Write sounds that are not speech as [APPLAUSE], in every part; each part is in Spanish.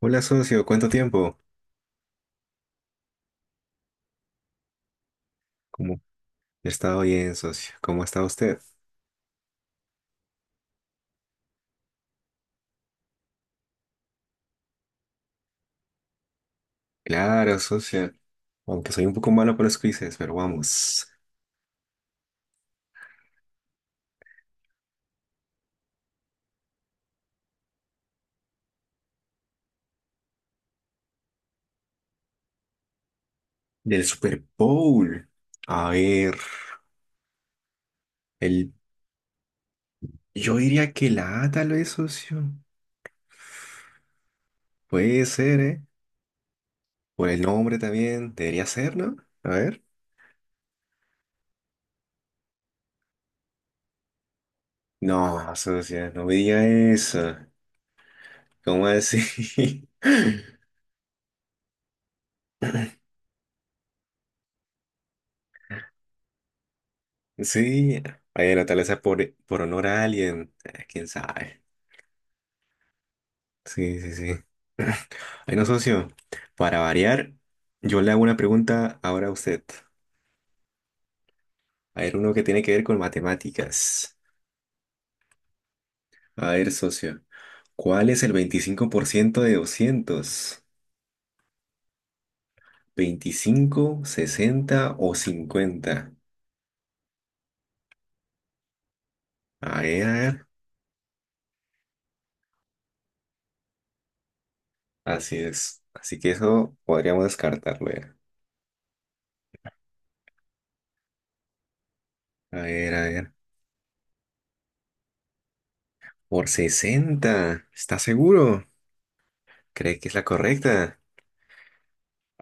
Hola socio, ¿cuánto tiempo? ¿Cómo he estado bien, socio? ¿Cómo está usted? Claro, socio. Aunque soy un poco malo para los quizzes, pero vamos. Del Super Bowl. A ver, el... yo diría que la A tal vez, socio. Puede ser, ¿eh? Por el nombre también. Debería ser, ¿no? A ver. No, socio, no me diga eso. ¿Cómo así? [LAUGHS] Sí. Bueno, tal vez sea por honor a alguien. ¿Quién sabe? Sí. [CLEARS THROAT] Bueno, socio, para variar, yo le hago una pregunta ahora a usted. A ver, uno que tiene que ver con matemáticas. A ver, socio, ¿cuál es el 25% de 225, 60 o 50? A ver, a ver. Así es. Así que eso podríamos descartarlo ya. A ver, a ver. ¿Por 60? ¿Está seguro? ¿Cree que es la correcta?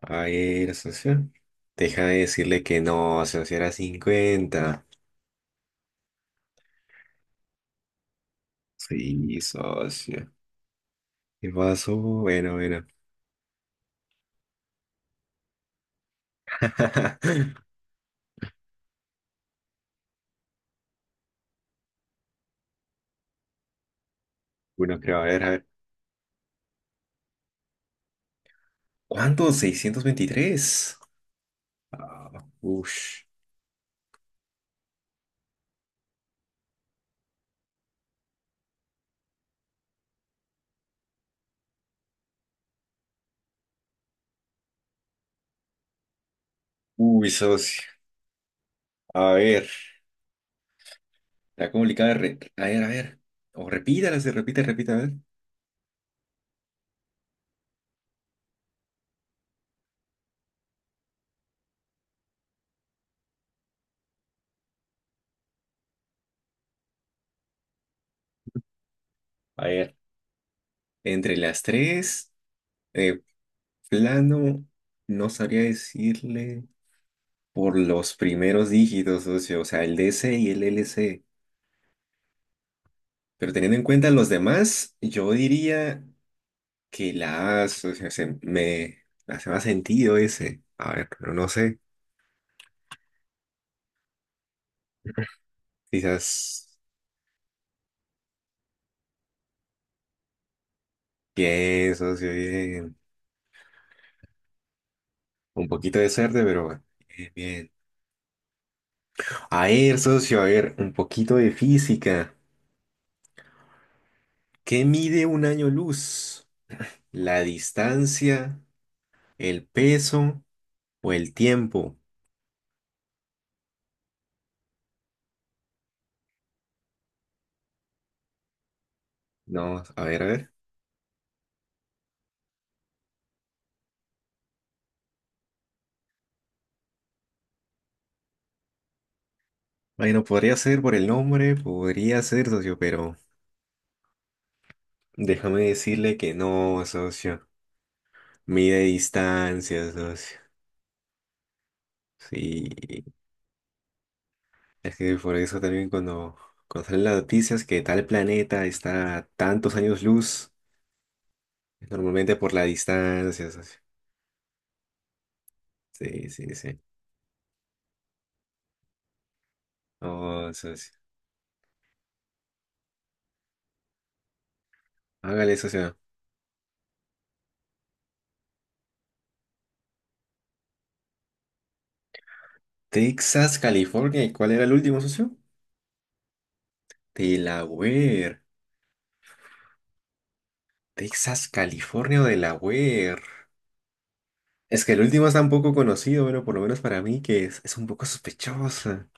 A ver, socio. Deja de decirle que no, socio, si era 50. Sí, socio. ¿Qué pasó? Bueno, bueno. [LAUGHS] Bueno, creo, a ver, a ver. ¿Cuánto? 623. Ah, ush. Uy, socio. A ver, la complicada. A ver, a ver. O repítala, se repite, a ver. A ver, entre las tres, eh, plano, no sabría decirle por los primeros dígitos, socio. O sea, el D C y el L C. Pero teniendo en cuenta los demás, yo diría que las, o sea, me hace más sentido ese. A ver, pero no sé. Quizás pienso, socio, bien. Un poquito de suerte, pero bueno, bien, bien. A ver, socio, a ver, un poquito de física. ¿Qué mide un año luz? ¿La distancia, el peso o el tiempo? No, a ver, a ver. Bueno, podría ser por el nombre, podría ser, socio, pero déjame decirle que no, socio. Mide distancias, socio. Sí, es que por eso también cuando salen las noticias que tal planeta está a tantos años luz, es normalmente por la distancia, socio. Sí. Oh, socio. Hágale, socio. Texas, California. ¿Y cuál era el último, socio? Delaware. Texas, California o Delaware. Es que el último es tan poco conocido, bueno, por lo menos para mí, que es un poco sospechosa.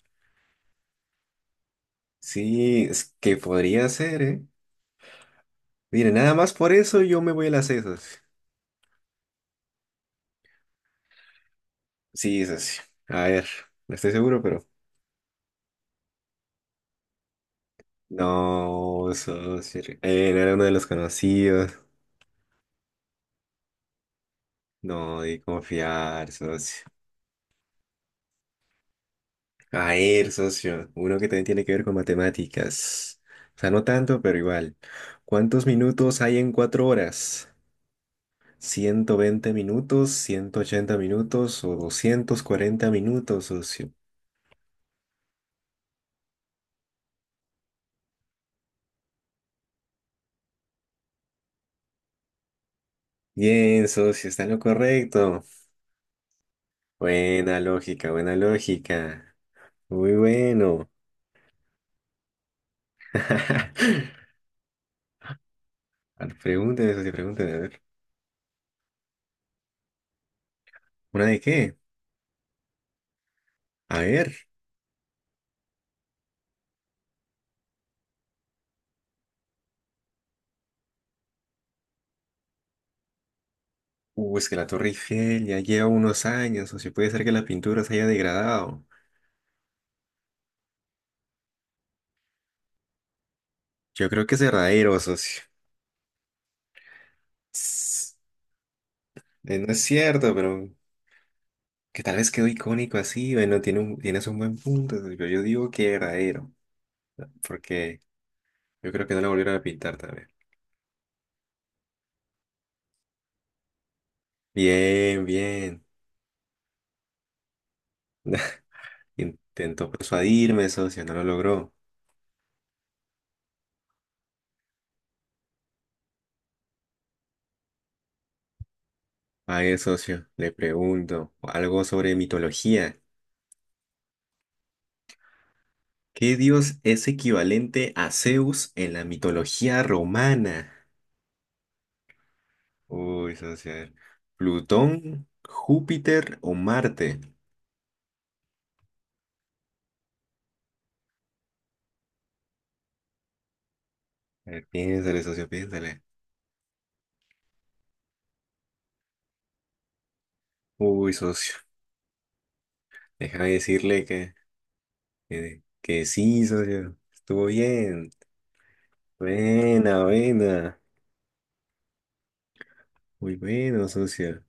Sí, es que podría ser, ¿eh? Mire, nada más por eso yo me voy a las esas. Sí, socio. A ver, no estoy seguro, pero. No, socio. Él era uno de los conocidos. No, de confiar, socio. A ver, socio. Uno que también tiene que ver con matemáticas. O sea, no tanto, pero igual. ¿Cuántos minutos hay en 4 horas? ¿120 minutos, 180 minutos o 240 minutos, socio? Bien, socio, está en lo correcto. Buena lógica, buena lógica. Muy bueno. [LAUGHS] A ver, pregúnteme eso, sí, pregúnteme, a ver. ¿Una de qué? A ver. Es que la Torre Eiffel ya lleva unos años, socio. Puede ser que la pintura se haya degradado. Yo creo que es verdadero, socio. Tss, no es cierto, pero que tal vez quedó icónico así. Bueno, tienes un buen punto, socio. Yo digo que verdadero, porque yo creo que no la volvieron a pintar tal vez. Bien, bien. [LAUGHS] Intentó persuadirme, socio, no lo logró. A ver, socio, le pregunto algo sobre mitología. ¿Qué dios es equivalente a Zeus en la mitología romana? Uy, socio, a ver. ¿Plutón, Júpiter o Marte? A ver, piénsale, socio, piénsale. Uy, socio, déjame decirle que, que sí, socio. Estuvo bien. Buena, buena. Muy bueno, socio.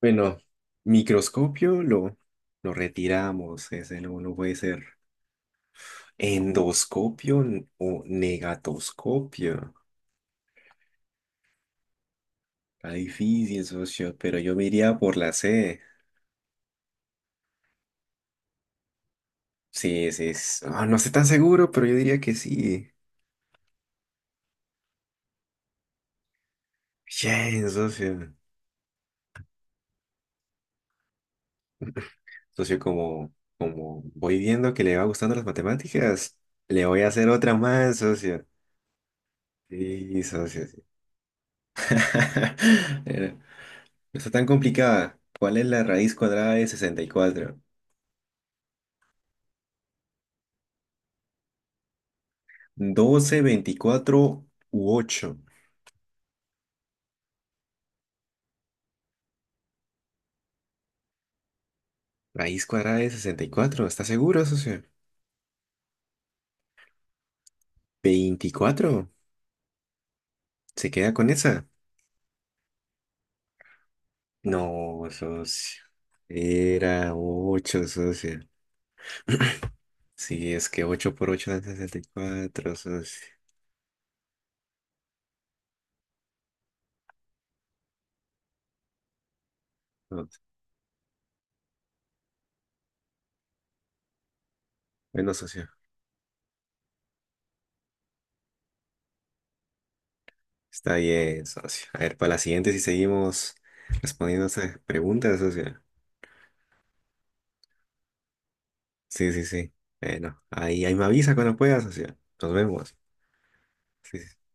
Bueno, microscopio lo retiramos. Ese no, no puede ser. ¿Endoscopio o negatoscopio? Está difícil, socio, pero yo me iría por la C. Sí, sí, no estoy tan seguro, pero yo diría que sí. Bien, socio. [LAUGHS] Socio, como, como voy viendo que le va gustando las matemáticas, le voy a hacer otra más, socio. Sí, socio, sí. [LAUGHS] Era- No está tan complicada. ¿Cuál es la raíz cuadrada de 64? 12, 24 u 8. Raíz cuadrada de 64. ¿Estás seguro, socio? 24. ¿Se queda con esa? No, socio. Era ocho, socio. [CLEARS THROAT] Sí, es que 8 por ocho dan 64, socio. No. Bueno, socio. Está bien, socio. A ver, para la siguiente, si seguimos respondiendo esas preguntas, socio. Sí, sí, sí. Bueno, ahí, ahí me avisa cuando pueda, socio. Nos vemos. Sí, sí, sí.